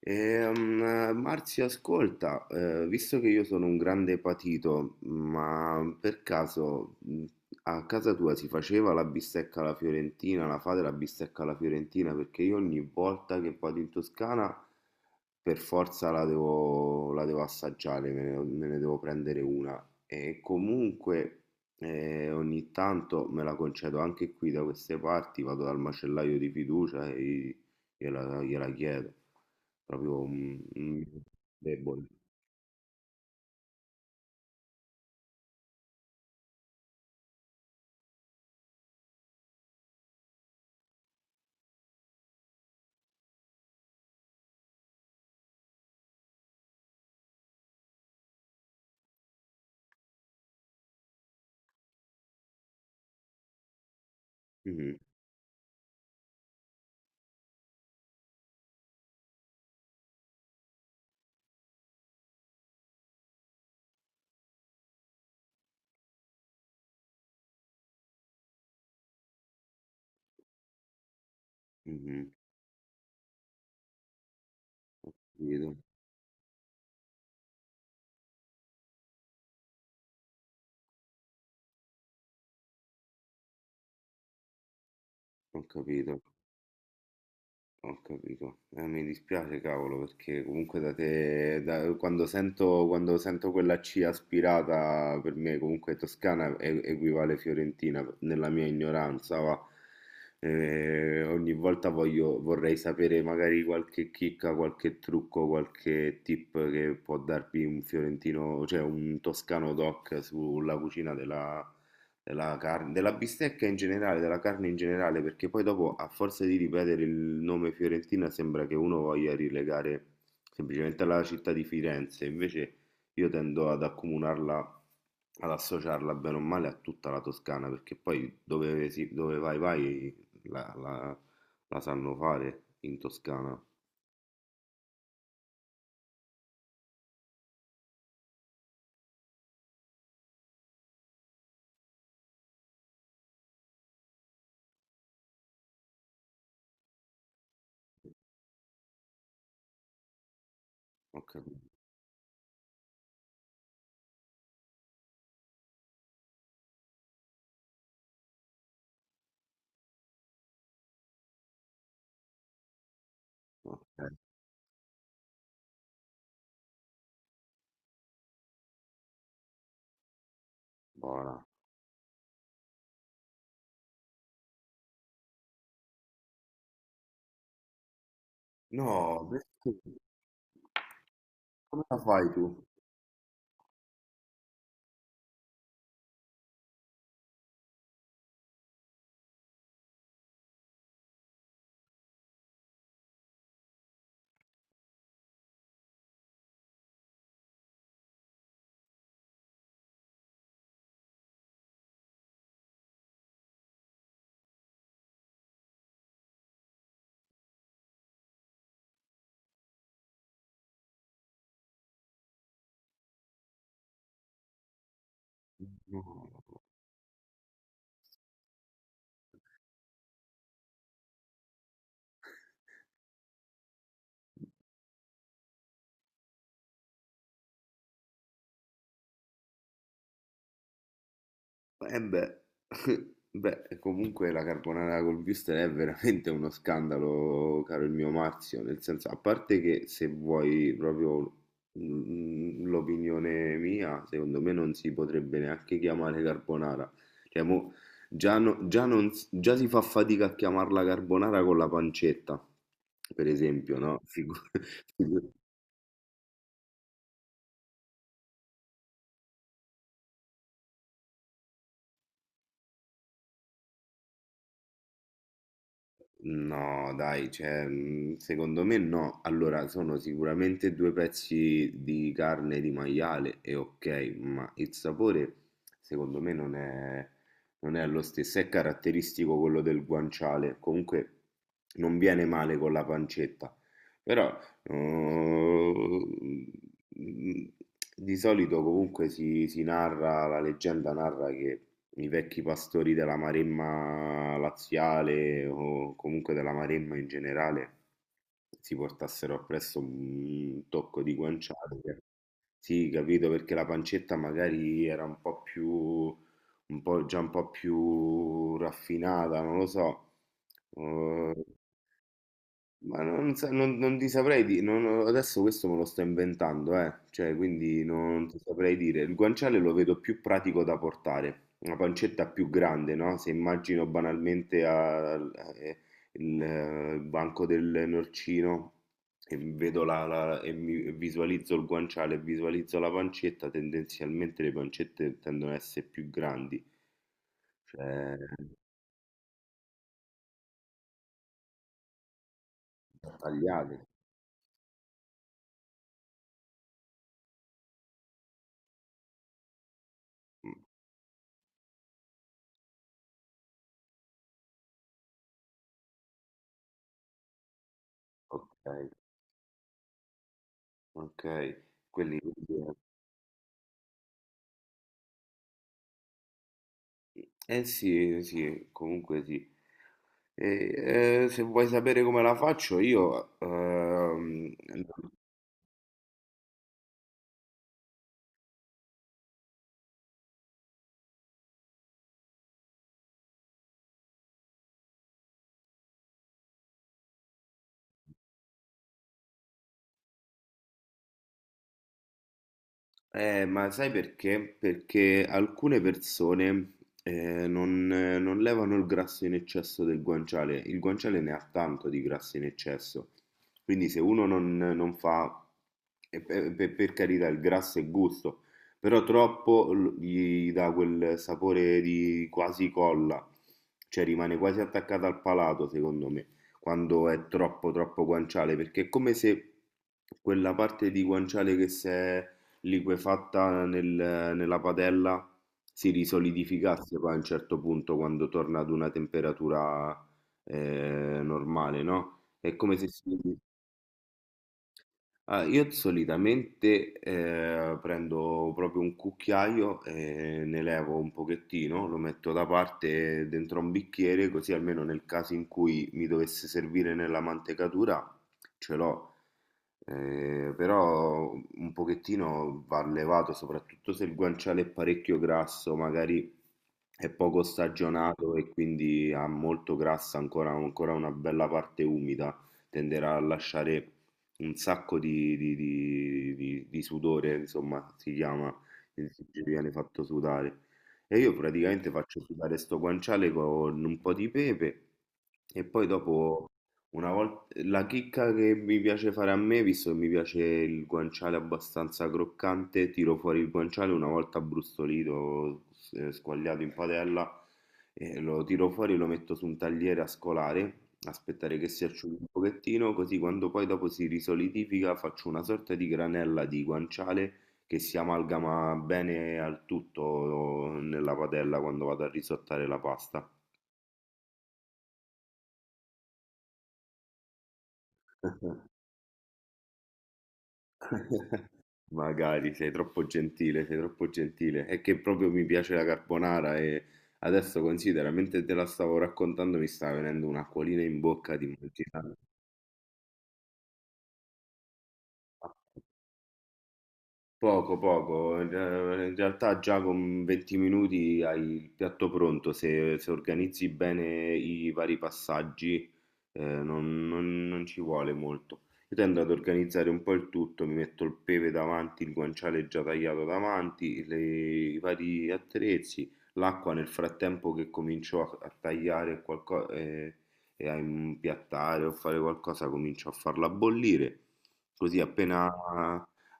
Marzio, ascolta, visto che io sono un grande patito, ma per caso a casa tua si faceva la bistecca alla fiorentina, la fate la bistecca alla fiorentina? Perché io ogni volta che vado in Toscana per forza la devo assaggiare, me ne devo prendere una. E comunque ogni tanto me la concedo anche qui da queste parti, vado dal macellaio di fiducia e gliela chiedo. Proprio un debole. Mhm, mhm, capito. Ho capito, ho capito. Mi dispiace, cavolo, perché comunque da te, quando sento quella C aspirata, per me comunque toscana equivale fiorentina, nella mia ignoranza, va. Ogni volta vorrei sapere magari qualche chicca, qualche trucco, qualche tip che può darvi un fiorentino, cioè un toscano doc sulla cucina della della carne, della bistecca in generale, della carne in generale, perché poi dopo a forza di ripetere il nome Fiorentina sembra che uno voglia rilegare semplicemente alla città di Firenze, invece io tendo ad accomunarla, ad associarla bene o male a tutta la Toscana, perché poi dove vai vai la sanno fare in Toscana. Ho capito. Ok, buona. No, perché? Come la fai tu? No. Eh beh, beh, comunque la carbonara col wurstel è veramente uno scandalo, caro il mio Marzio, nel senso, a parte che se vuoi proprio l'opinione mia, secondo me non si potrebbe neanche chiamare carbonara. Cioè, mo, già, già non già si fa fatica a chiamarla carbonara con la pancetta, per esempio, no? Figu- No, dai, cioè, secondo me no. Allora, sono sicuramente due pezzi di carne di maiale e ok, ma il sapore secondo me non è lo stesso. È caratteristico quello del guanciale. Comunque non viene male con la pancetta. Però, eh, Mm, di solito comunque si, si narra, la leggenda narra che i vecchi pastori della Maremma laziale o comunque della Maremma in generale si portassero appresso un tocco di guanciale. Che- Sì, capito, perché la pancetta magari era un po' già un po' più raffinata, non lo so. Eh, ma non, sa- non- non ti saprei dire, adesso questo me lo sto inventando, eh. Cioè, quindi non ti saprei dire. Il guanciale lo vedo più pratico da portare, una pancetta più grande, no? Se immagino banalmente il banco del norcino e vedo e visualizzo il guanciale e visualizzo la pancetta, tendenzialmente le pancette tendono ad essere più grandi, cioè tagliate. Mm, ok, ok, quelli... Eh sì, sì, comunque sì. E, se vuoi sapere come la faccio, io eh, ma sai perché? Perché alcune persone non levano il grasso in eccesso del guanciale. Il guanciale ne ha tanto di grasso in eccesso. Quindi se uno non fa, e per carità, il grasso è gusto, però gli dà quel sapore di quasi colla, cioè rimane quasi attaccato al palato, secondo me, quando è troppo guanciale, perché è come se quella parte di guanciale che si è liquefatta nella padella si risolidificasse poi a un certo punto quando torna ad una temperatura normale, no? È come se si Ah, io solitamente prendo proprio un cucchiaio e ne levo un pochettino, lo metto da parte dentro un bicchiere, così almeno nel caso in cui mi dovesse servire nella mantecatura ce l'ho. Però un pochettino va levato, soprattutto se il guanciale è parecchio grasso, magari è poco stagionato e quindi ha molto grassa ancora una bella parte umida tenderà a lasciare un sacco di sudore, insomma, si chiama, in Sicilia viene fatto sudare. E io praticamente faccio sudare sto guanciale con un po' di pepe e poi dopo, una volta, la chicca che mi piace fare a me, visto che mi piace il guanciale abbastanza croccante, tiro fuori il guanciale una volta brustolito, squagliato in padella, e lo tiro fuori e lo metto su un tagliere a scolare aspettare che si asciughi un pochettino, così quando poi dopo si risolidifica faccio una sorta di granella di guanciale che si amalgama bene al tutto nella padella quando vado a risottare la pasta. Magari sei troppo gentile, sei troppo gentile. È che proprio mi piace la carbonara e adesso considera, mentre te la stavo raccontando mi sta venendo un'acquolina in bocca di immaginare. Poco, poco. In realtà già con 20 minuti hai il piatto pronto. Se, se organizzi bene i vari passaggi, non ci vuole molto. Io tendo ad organizzare un po' il tutto, mi metto il pepe davanti, il guanciale già tagliato davanti, le- i vari attrezzi, l'acqua nel frattempo che comincio a tagliare qualcosa e a impiattare o fare qualcosa, comincio a farla bollire. Così appena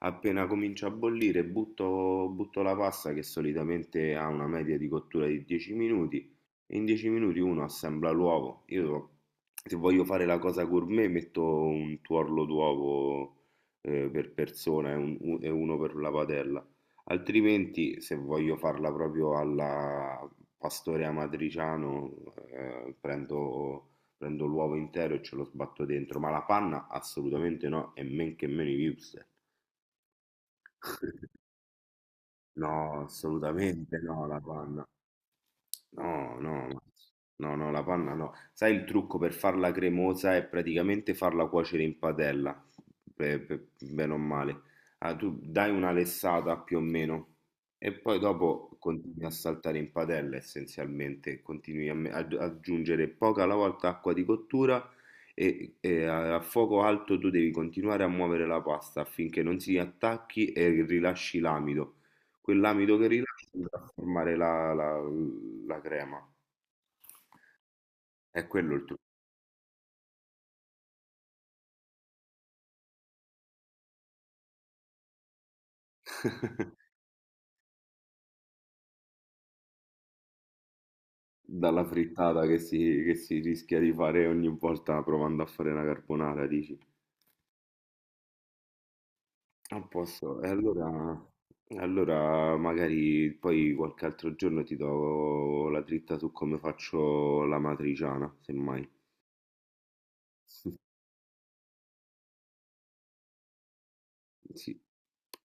appena comincia a bollire, butto la pasta che solitamente ha una media di cottura di 10 minuti e in 10 minuti uno assembla l'uovo. Io se voglio fare la cosa gourmet metto un tuorlo d'uovo per persona e uno per la padella. Altrimenti, se voglio farla proprio alla pastore amatriciano, eh, prendo, prendo l'uovo intero e ce lo sbatto dentro. Ma la panna assolutamente no, e men che meno i hipster. No, assolutamente no, la panna. No, no, ma- no, no, la panna no. Sai il trucco per farla cremosa è praticamente farla cuocere in padella, bene o male. Ah, tu dai una lessata più o meno e poi dopo continui a saltare in padella essenzialmente, continui a ad aggiungere poca alla volta acqua di cottura e, a fuoco alto tu devi continuare a muovere la pasta affinché non si attacchi e rilasci l'amido. Quell'amido che rilasci andrà a formare la crema. È quello il trucco. Dalla frittata che si rischia di fare ogni volta provando a fare una carbonara, dici? A posto. E allora magari poi qualche altro giorno ti do la dritta su come faccio l'amatriciana, semmai. Sì.